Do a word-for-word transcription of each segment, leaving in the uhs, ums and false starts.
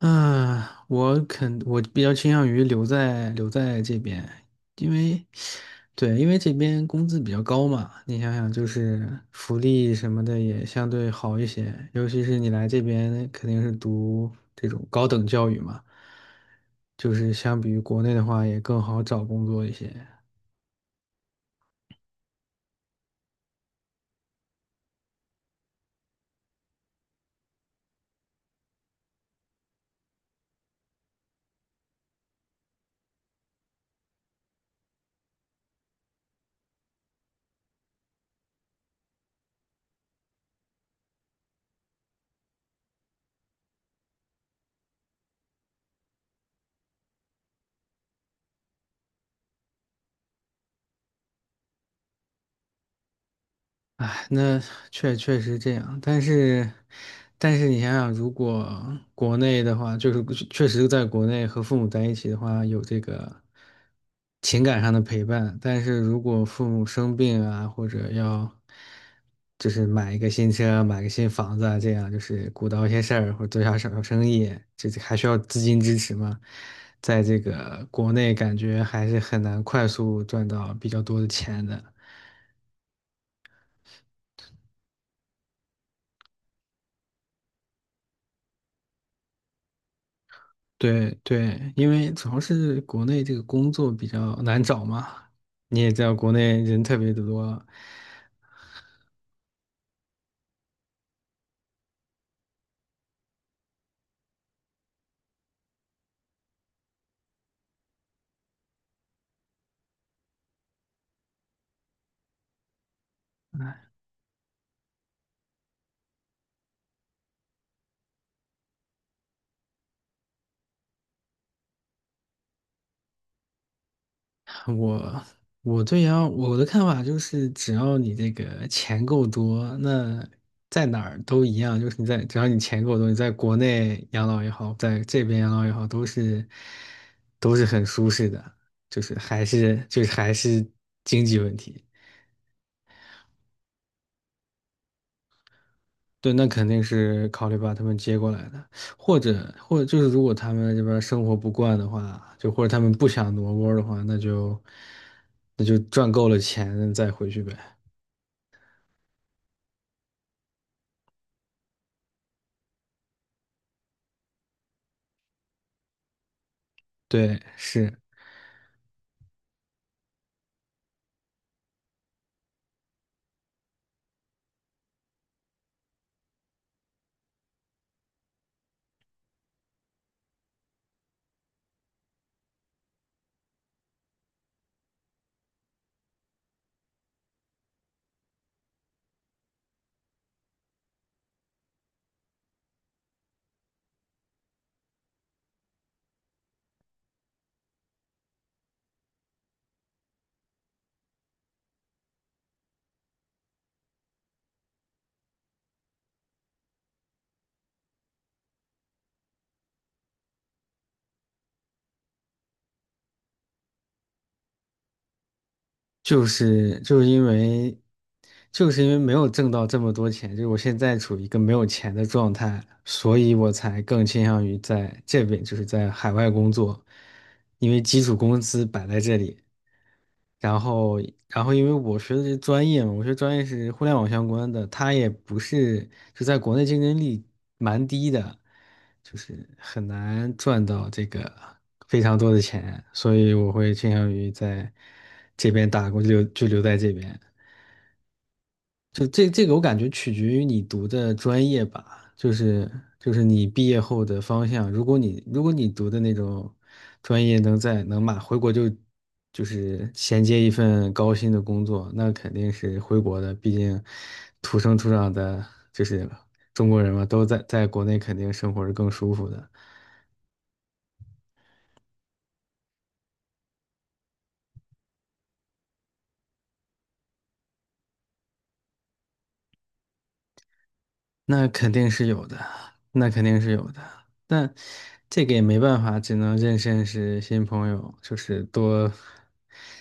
嗯，我肯我比较倾向于留在留在这边，因为对，因为这边工资比较高嘛，你想想就是福利什么的也相对好一些，尤其是你来这边肯定是读这种高等教育嘛，就是相比于国内的话也更好找工作一些。哎，那确确实这样，但是，但是你想想，如果国内的话，就是确实在国内和父母在一起的话，有这个情感上的陪伴，但是如果父母生病啊，或者要就是买一个新车、买个新房子啊，这样就是鼓捣一些事儿或者做下小生意，这这还需要资金支持嘛，在这个国内感觉还是很难快速赚到比较多的钱的。对对，因为主要是国内这个工作比较难找嘛，你也知道国内人特别的多。我我对呀，我的看法就是，只要你这个钱够多，那在哪儿都一样，就是你在只要你钱够多，你在国内养老也好，在这边养老也好，都是都是很舒适的，就是还是就是还是经济问题。对，那肯定是考虑把他们接过来的，或者或者就是如果他们这边生活不惯的话，就或者他们不想挪窝的话，那就那就赚够了钱再回去呗。对，是，就是就是因为就是因为没有挣到这么多钱，就是我现在处于一个没有钱的状态，所以我才更倾向于在这边，就是在海外工作，因为基础工资摆在这里。然后，然后因为我学的这专业嘛，我学专业是互联网相关的，它也不是就在国内竞争力蛮低的，就是很难赚到这个非常多的钱，所以我会倾向于在这边打工就留就留在这边。就这这个我感觉取决于你读的专业吧，就是就是你毕业后的方向。如果你如果你读的那种专业能在能马回国就就是衔接一份高薪的工作，那肯定是回国的。毕竟土生土长的，就是中国人嘛，都在在国内肯定生活是更舒服的。那肯定是有的，那肯定是有的，但这个也没办法，只能认识认识新朋友，就是多，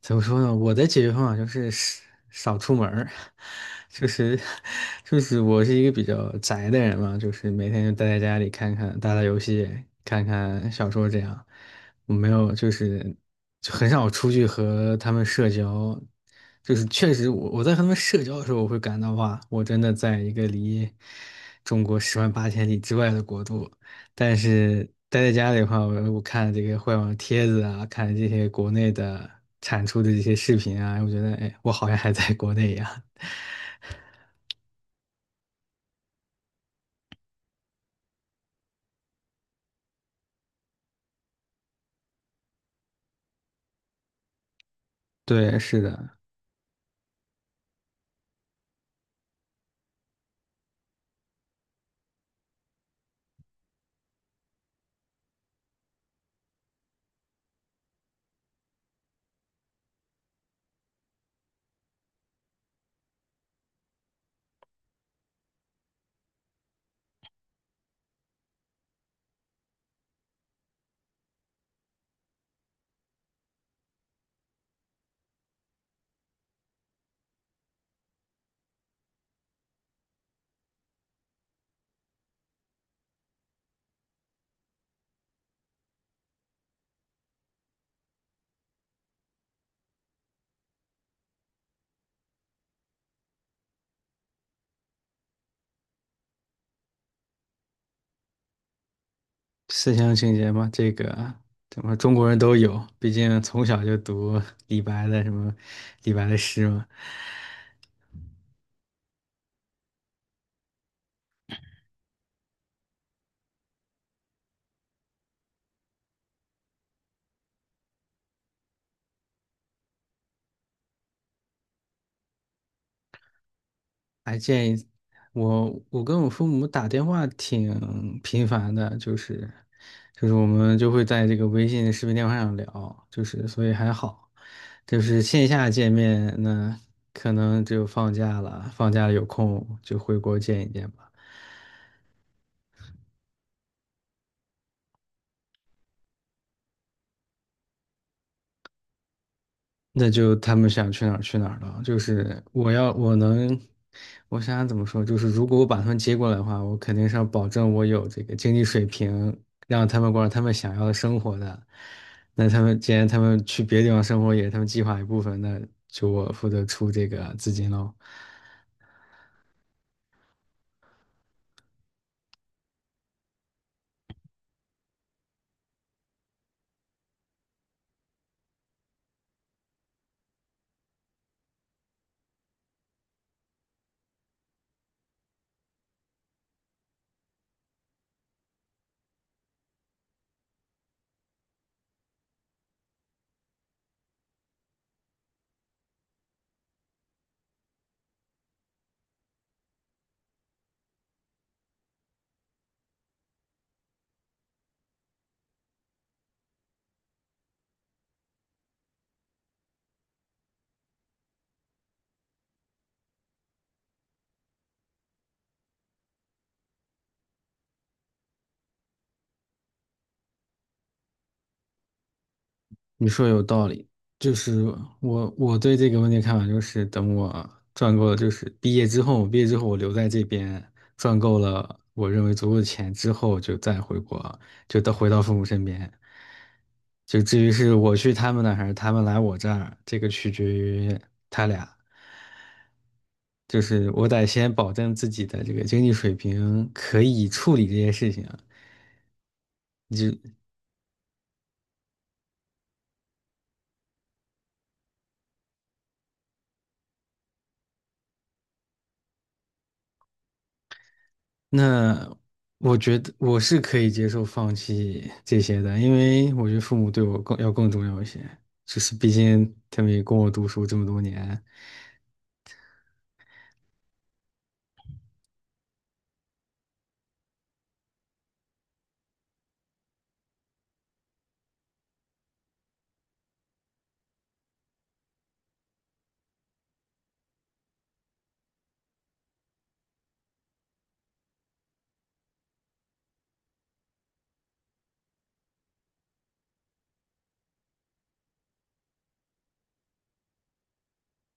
怎么说呢？我的解决方法就是少少出门儿，就是就是我是一个比较宅的人嘛，就是每天就待在家里看看打打游戏，看看小说这样，我没有，就是就很少出去和他们社交，就是确实我我在和他们社交的时候，我会感到哇，我真的在一个离中国十万八千里之外的国度。但是待在家里的话，我我看这个互联网帖子啊，看这些国内的产出的这些视频啊，我觉得哎，我好像还在国内一样。对，是的，思乡情结嘛，这个怎么中国人都有，毕竟从小就读李白的什么李白的诗嘛。哎，建议我，我跟我父母打电话挺频繁的，就是就是我们就会在这个微信视频电话上聊，就是所以还好，就是线下见面，那可能只有放假了，放假了有空就回国见一见吧。那就他们想去哪儿去哪儿了。就是我要我能，我想想怎么说，就是如果我把他们接过来的话，我肯定是要保证我有这个经济水平，让他们过上他们想要的生活的。那他们既然他们去别的地方生活也是他们计划一部分，那就我负责出这个资金喽。你说有道理，就是我我对这个问题的看法就是，等我赚够了，就是毕业之后，毕业之后我留在这边赚够了我认为足够的钱之后，就再回国，就到回到父母身边。就至于是我去他们那儿还是他们来我这儿，这个取决于，就是我得先保证自己的这个经济水平可以处理这些事情。那我觉得我是可以接受放弃这些的，因为我觉得父母对我更要更重要一些，就是毕竟他们也供我读书这么多年。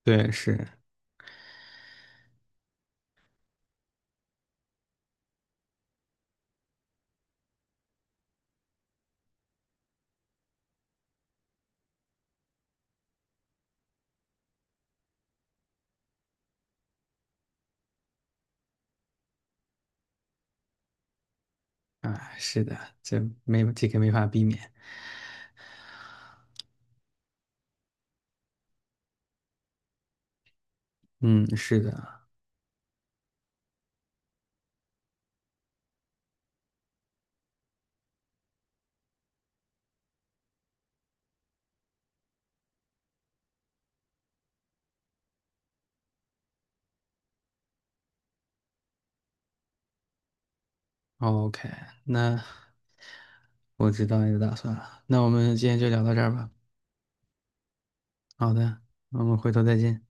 对，是啊，是的，这没这个没法避免。嗯，是的。OK，那我知道你的打算了。那我们今天就聊到这儿吧。好的，我们回头再见。